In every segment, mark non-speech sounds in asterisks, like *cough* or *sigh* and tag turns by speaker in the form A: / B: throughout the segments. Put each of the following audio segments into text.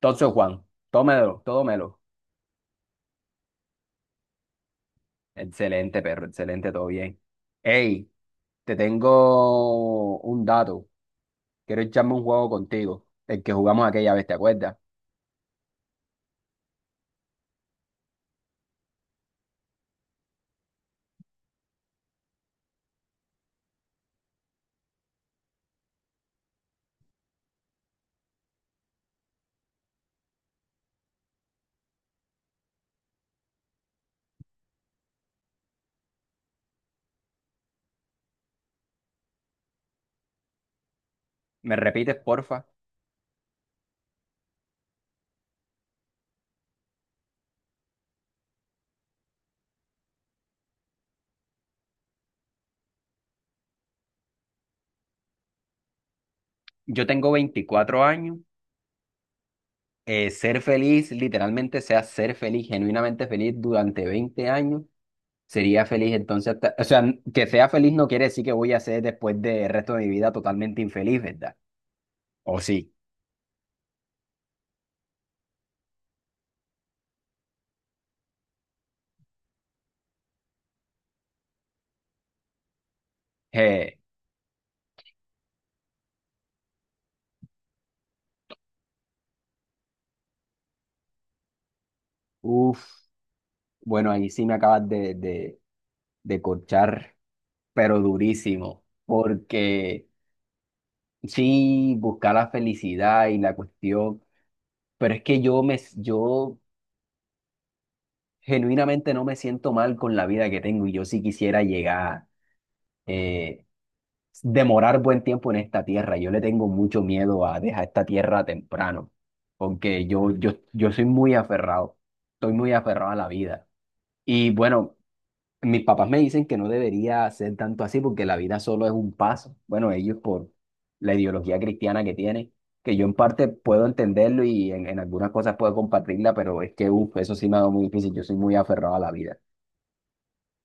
A: Entonces, Juan, tómelo, tómelo. Excelente, perro, excelente, todo bien. Hey, te tengo un dato. Quiero echarme un juego contigo, el que jugamos aquella vez, ¿te acuerdas? ¿Me repites, porfa? Yo tengo 24 años. Ser feliz, literalmente, sea ser feliz, genuinamente feliz durante 20 años. Sería feliz entonces, o sea, que sea feliz no quiere decir que voy a ser después del resto de mi vida totalmente infeliz, ¿verdad? ¿O sí? Eh, Uf. Bueno, ahí sí me acabas de corchar, pero durísimo, porque sí, buscar la felicidad y la cuestión, pero es que yo genuinamente no me siento mal con la vida que tengo y yo sí quisiera llegar, eh, demorar buen tiempo en esta tierra. Yo le tengo mucho miedo a dejar esta tierra temprano, porque yo soy muy aferrado, estoy muy aferrado a la vida. Y bueno. Mis papás me dicen que no debería ser tanto así porque la vida solo es un paso. Bueno, ellos por la ideología cristiana que tienen, que yo en parte puedo entenderlo y en algunas cosas puedo compartirla, pero es que uf, eso sí me ha dado muy difícil. Yo soy muy aferrado a la vida.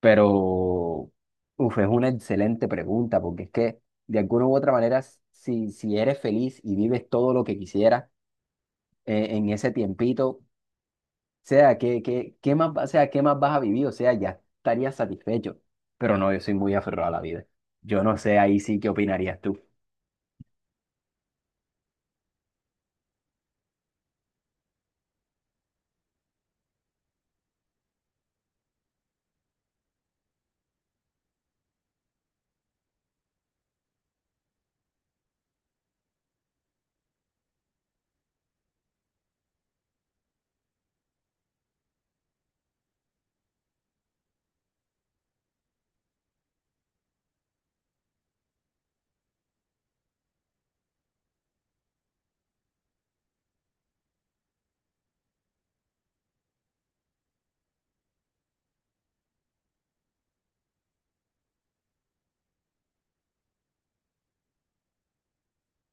A: Pero uf, es una excelente pregunta porque es que de alguna u otra manera, si eres feliz y vives todo lo que quisieras en ese tiempito, sea, ¿qué más, o sea, ¿qué más vas a vivir? O sea, ya estarías satisfecho. Pero no, yo soy muy aferrado a la vida. Yo no sé ahí sí qué opinarías tú.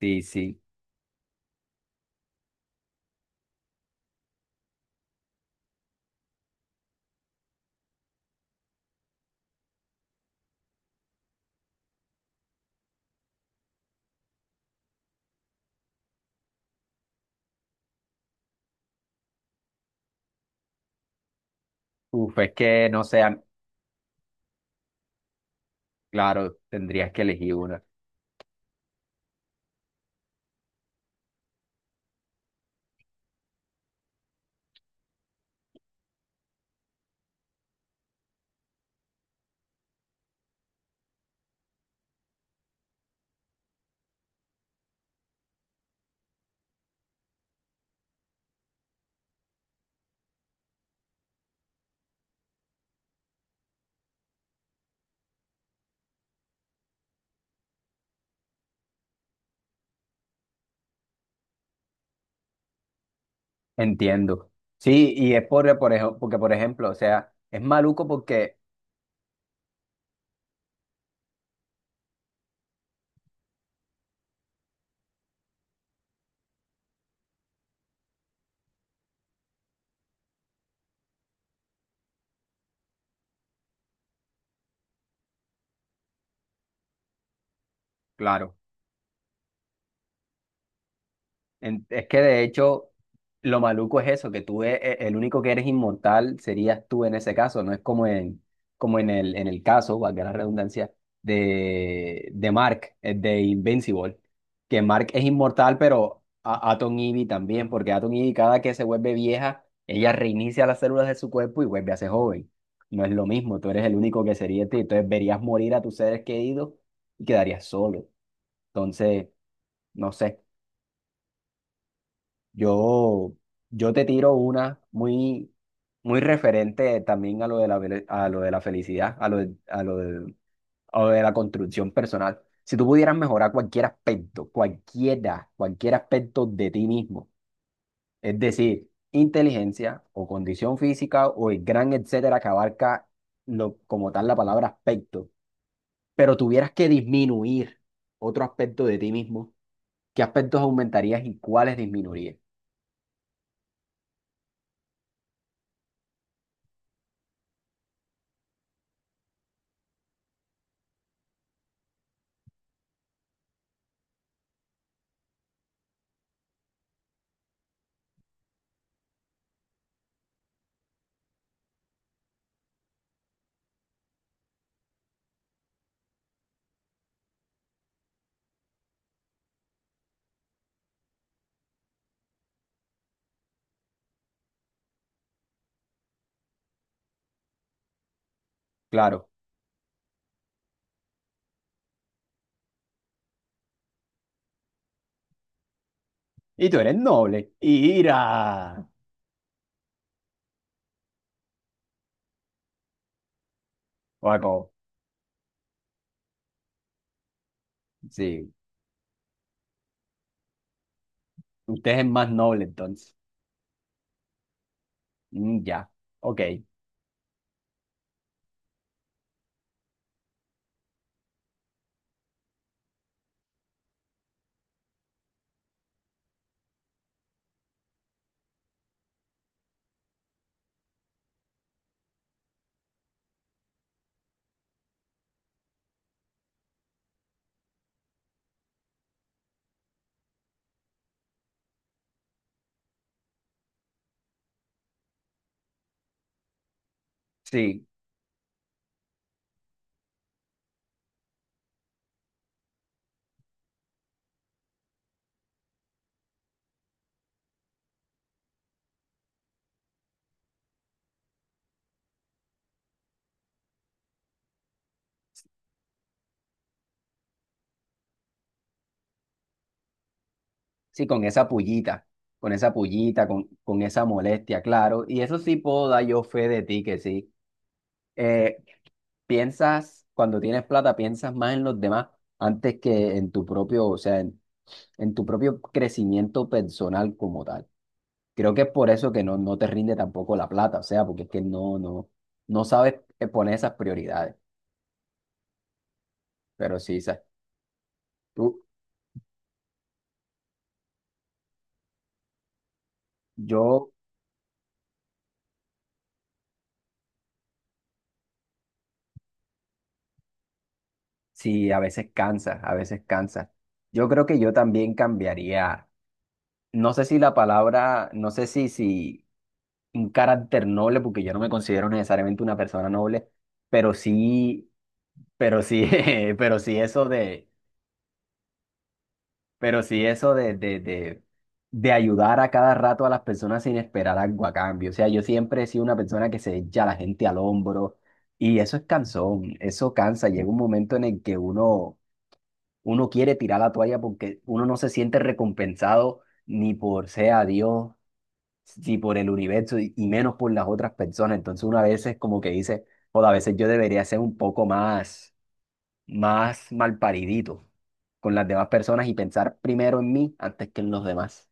A: Sí, sí. Uf, es que no sé, a- claro, tendrías que elegir una. Entiendo. Sí, y es por ejemplo, porque, por ejemplo, o sea, es maluco porque, claro. Es que de hecho, lo maluco es eso, que tú el único que eres inmortal serías tú en ese caso, no es como en, como en en el caso, valga la redundancia, de Mark, de Invincible, que Mark es inmortal, pero a Atom Ivy también, porque Atom Ivy cada que se vuelve vieja, ella reinicia las células de su cuerpo y vuelve a ser joven. No es lo mismo, tú eres el único que sería ti, entonces verías morir a tus seres queridos y quedarías solo. Entonces, no sé. Yo, yo te tiro una muy, muy referente también a lo de a lo de la felicidad, a lo de la construcción personal. Si tú pudieras mejorar cualquier aspecto, cualquiera, cualquier aspecto de ti mismo, es decir, inteligencia o condición física o el gran etcétera que abarca lo, como tal la palabra aspecto, pero tuvieras que disminuir otro aspecto de ti mismo, ¿qué aspectos aumentarías y cuáles disminuirías? Claro. Y tú eres noble. ¡Ira! Guaco, sí. Usted es más noble entonces. Mm, ya. Ok. Sí. Sí, con esa pullita. Con esa pullita, con esa molestia, claro. Y eso sí puedo dar yo fe de ti que sí. Eh, Piensas, cuando tienes plata, piensas más en los demás antes que en tu propio, o sea, en tu propio crecimiento personal como tal. Creo que es por eso que no te rinde tampoco la plata, o sea, porque es que no sabes poner esas prioridades. Pero sí, sa- tú, yo sí, a veces cansa, a veces cansa. Yo creo que yo también cambiaría, no sé si la palabra, no sé si un carácter noble, porque yo no me considero necesariamente una persona noble, pero sí, pero sí, *laughs* pero sí eso de, pero sí eso de ayudar a cada rato a las personas sin esperar algo a cambio. O sea, yo siempre he sido una persona que se echa a la gente al hombro y eso es cansón, eso cansa, llega un momento en el que uno quiere tirar la toalla porque uno no se siente recompensado ni por sea Dios, ni por el universo y menos por las otras personas. Entonces uno a veces como que dice, o a veces yo debería ser un poco más, más malparidito con las demás personas y pensar primero en mí antes que en los demás.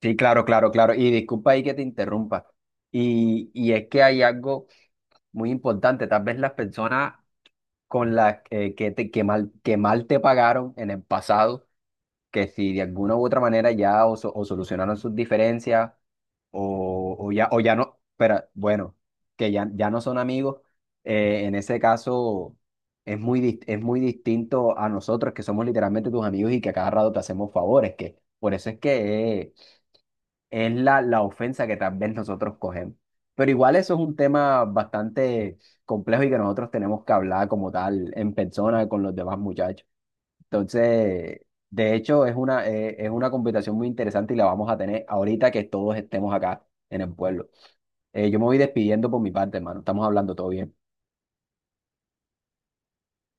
A: Sí, claro, claro, claro. Y disculpa ahí que te interrumpa. Y es que hay algo muy importante. Tal vez las personas con las que mal te pagaron en el pasado que si de alguna u otra manera ya o solucionaron sus diferencias o ya no, pero bueno, que ya, ya no son amigos, en ese caso es muy, es muy distinto a nosotros que somos literalmente tus amigos y que a cada rato te hacemos favores, que por eso es que es la ofensa que tal vez nosotros cogemos. Pero igual eso es un tema bastante complejo y que nosotros tenemos que hablar como tal en persona con los demás muchachos. Entonces, de hecho, es una conversación muy interesante y la vamos a tener ahorita que todos estemos acá en el pueblo. Yo me voy despidiendo por mi parte, hermano. Estamos hablando, todo bien.